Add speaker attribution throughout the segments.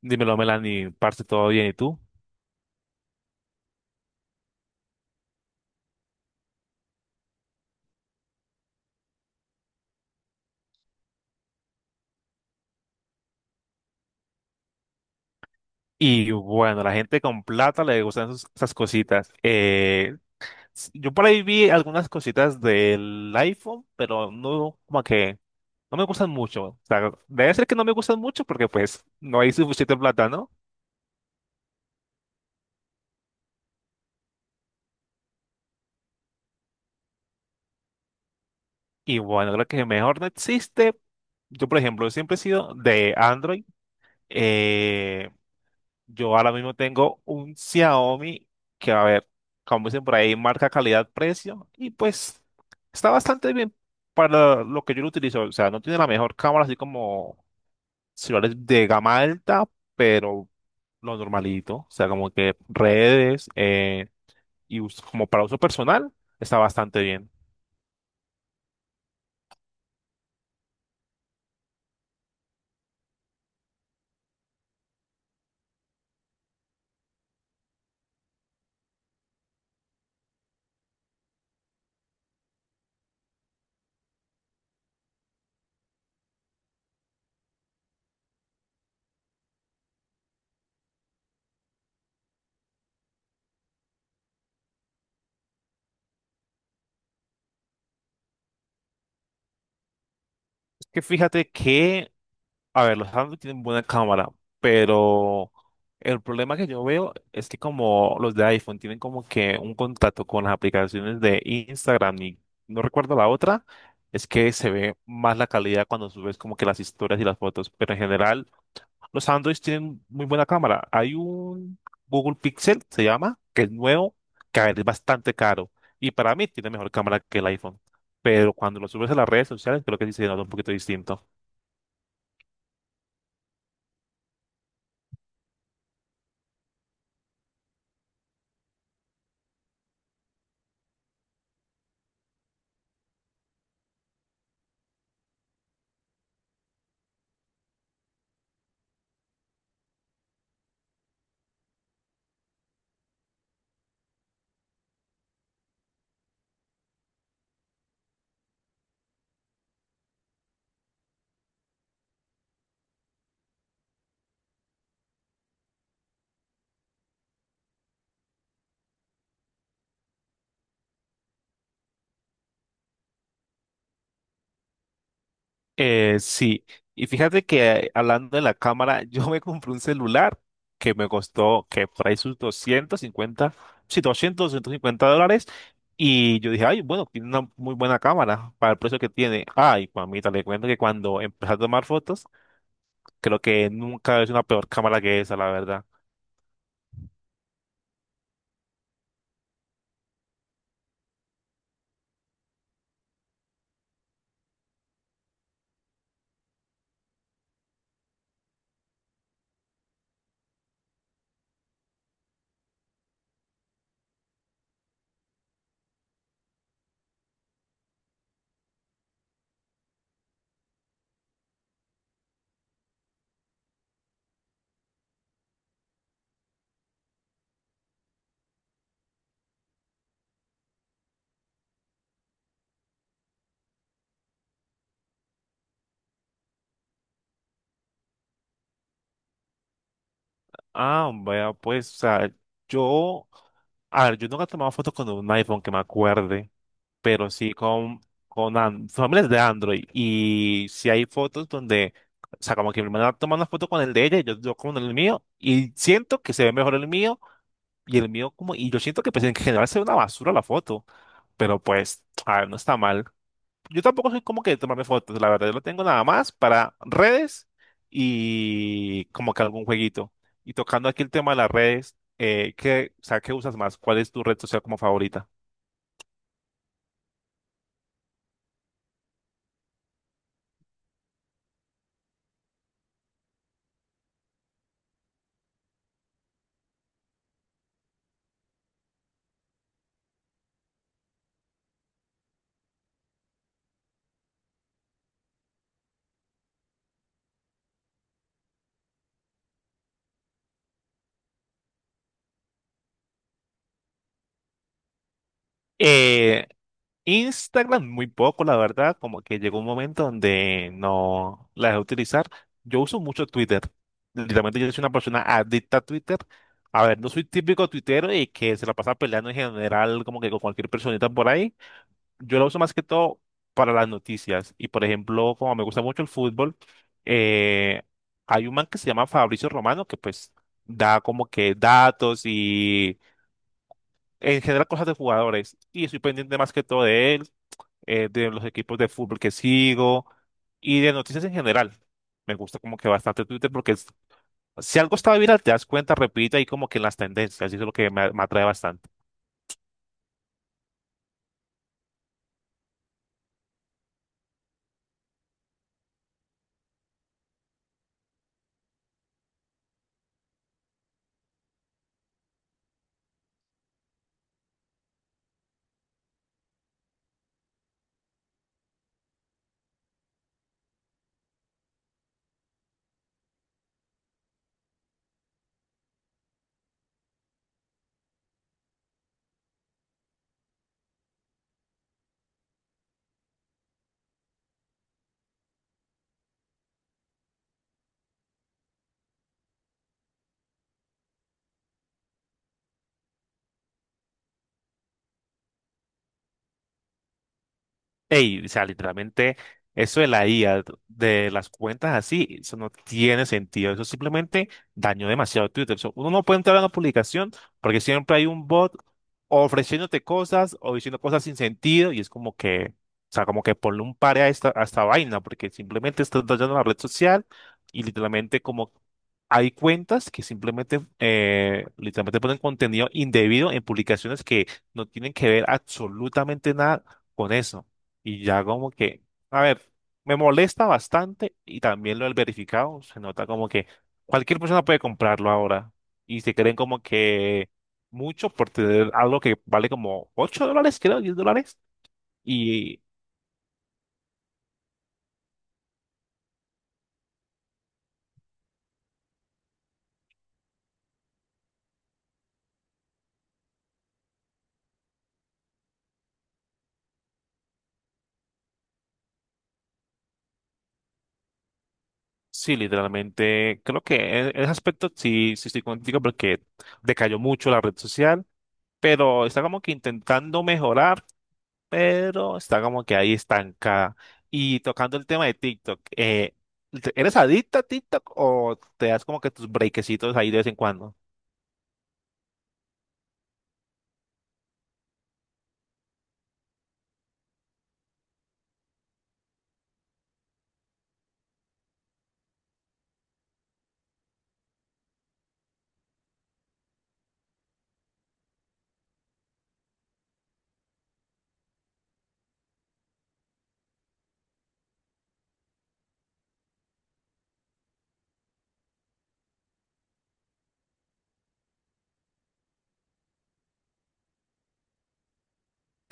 Speaker 1: Dímelo, Melanie, parte todo bien, ¿y tú? Y bueno, la gente con plata le gustan esas cositas. Yo por ahí vi algunas cositas del iPhone, pero no, como que no me gustan mucho. O sea, debe ser que no me gustan mucho porque pues no hay suficiente plata, ¿no? Y bueno, creo que mejor no existe. Yo, por ejemplo, siempre he sido de Android. Eh, Yo ahora mismo tengo un Xiaomi que, a ver, como dicen por ahí, marca calidad-precio y pues está bastante bien para lo que yo lo utilizo. O sea, no tiene la mejor cámara, así como celulares de gama alta, pero lo normalito. O sea, como que redes y como para uso personal está bastante bien. Es que fíjate que, a ver, los Samsung tienen buena cámara, pero el problema que yo veo es que como los de iPhone tienen como que un contacto con las aplicaciones de Instagram y no recuerdo la otra, es que se ve más la calidad cuando subes como que las historias y las fotos, pero en general los Androids tienen muy buena cámara. Hay un Google Pixel, se llama, que es nuevo, que, a ver, es bastante caro y para mí tiene mejor cámara que el iPhone, pero cuando lo subes a las redes sociales creo que sí se nota un poquito distinto. Sí, y fíjate que hablando de la cámara, yo me compré un celular que me costó que por ahí sus 250, sí, doscientos cincuenta dólares. Y yo dije, ay, bueno, tiene una muy buena cámara para el precio que tiene. Ay, mamita, le cuento que cuando empecé a tomar fotos, creo que nunca es una peor cámara que esa, la verdad. Ah, vea, pues, o sea, yo, a ver, yo nunca he tomado fotos con un iPhone que me acuerde, pero sí con, familias de Android. Y si hay fotos donde, o sea, como que mi hermana toma una foto con el de ella, y yo con el mío, y siento que se ve mejor el mío, y el mío como, y yo siento que pues, en general se ve una basura la foto, pero pues, a ver, no está mal. Yo tampoco soy como que de tomarme fotos, la verdad, yo lo tengo nada más para redes y como que algún jueguito. Y tocando aquí el tema de las redes, ¿qué, o sea, qué usas más? ¿Cuál es tu red social como favorita? Eh, Instagram muy poco, la verdad, como que llegó un momento donde no la dejé utilizar. Yo uso mucho Twitter. Literalmente yo soy una persona adicta a Twitter. A ver, no soy típico tuitero y que se la pasa peleando en general como que con cualquier personita por ahí. Yo la uso más que todo para las noticias. Y por ejemplo, como me gusta mucho el fútbol, eh, hay un man que se llama Fabricio Romano que pues da como que datos y en general cosas de jugadores. Y estoy pendiente más que todo de él, de los equipos de fútbol que sigo y de noticias en general. Me gusta como que bastante Twitter porque es- si algo está viral te das cuenta, repite ahí como que en las tendencias, y eso es lo que me atrae bastante. Ey, o sea, literalmente, eso de la IA, de las cuentas así, eso no tiene sentido. Eso simplemente dañó demasiado Twitter. Eso, uno no puede entrar a una publicación porque siempre hay un bot ofreciéndote cosas o diciendo cosas sin sentido y es como que, o sea, como que ponle un pare a esta vaina porque simplemente estás dañando la red social y literalmente como hay cuentas que simplemente, literalmente ponen contenido indebido en publicaciones que no tienen que ver absolutamente nada con eso. Y ya como que, a ver, me molesta bastante y también lo del verificado, se nota como que cualquier persona puede comprarlo ahora y se creen como que mucho por tener algo que vale como $8, creo, $10. Y sí, literalmente, creo que en ese aspecto sí, sí estoy contigo porque decayó mucho la red social, pero está como que intentando mejorar, pero está como que ahí estancada. Y tocando el tema de TikTok, ¿te- ¿eres adicta a TikTok o te das como que tus breakecitos ahí de vez en cuando?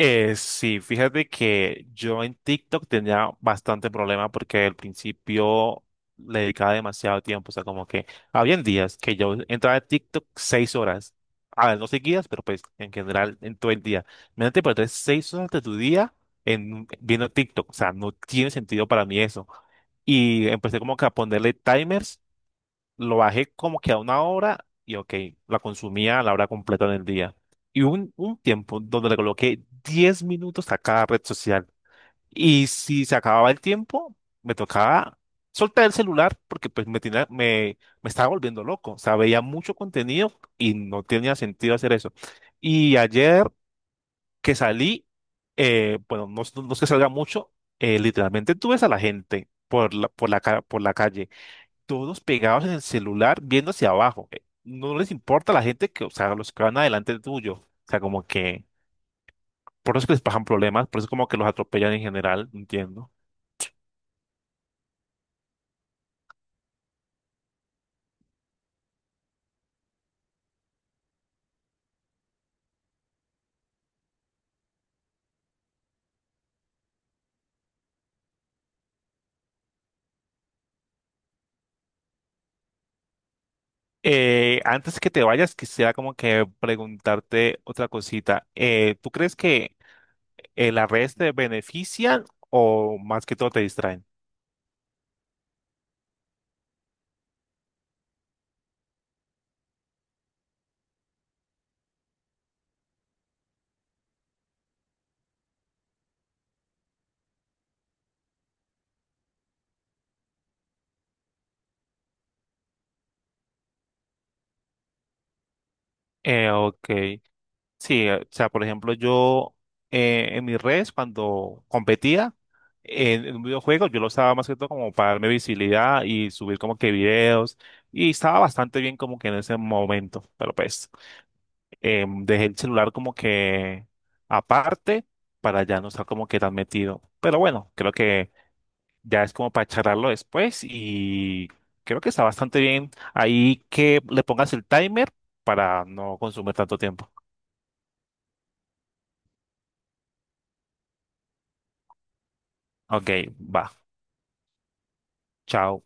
Speaker 1: Sí, fíjate que yo en TikTok tenía bastante problema porque al principio le dedicaba demasiado tiempo, o sea, como que habían días que yo entraba a TikTok 6 horas, a ver, no seguidas, pero pues en general en todo el día. Imagínate perder 6 horas de tu día en viendo TikTok, o sea, no tiene sentido para mí eso. Y empecé como que a ponerle timers, lo bajé como que a una hora y ok, la consumía a la hora completa del día. Y hubo un tiempo donde le coloqué 10 minutos a cada red social. Y si se acababa el tiempo, me tocaba soltar el celular porque me estaba volviendo loco. O sea, veía mucho contenido y no tenía sentido hacer eso. Y ayer que salí, no es que salga mucho, literalmente tú ves a la gente por la calle todos pegados en el celular viendo hacia abajo. No les importa la gente que, o sea, los que van adelante tuyo. O sea, como que por eso es que les pasan problemas, por eso como que los atropellan en general, no entiendo. Antes que te vayas, quisiera como que preguntarte otra cosita. ¿Tú crees que las redes te benefician o más que todo te distraen? Ok. Sí, o sea, por ejemplo, yo en mi res, cuando competía en un videojuego, yo lo usaba más que todo como para darme visibilidad y subir como que videos. Y estaba bastante bien como que en ese momento, pero pues dejé el celular como que aparte para ya no estar como que tan metido. Pero bueno, creo que ya es como para charlarlo después y creo que está bastante bien ahí que le pongas el timer para no consumir tanto tiempo. Ok, va. Chao.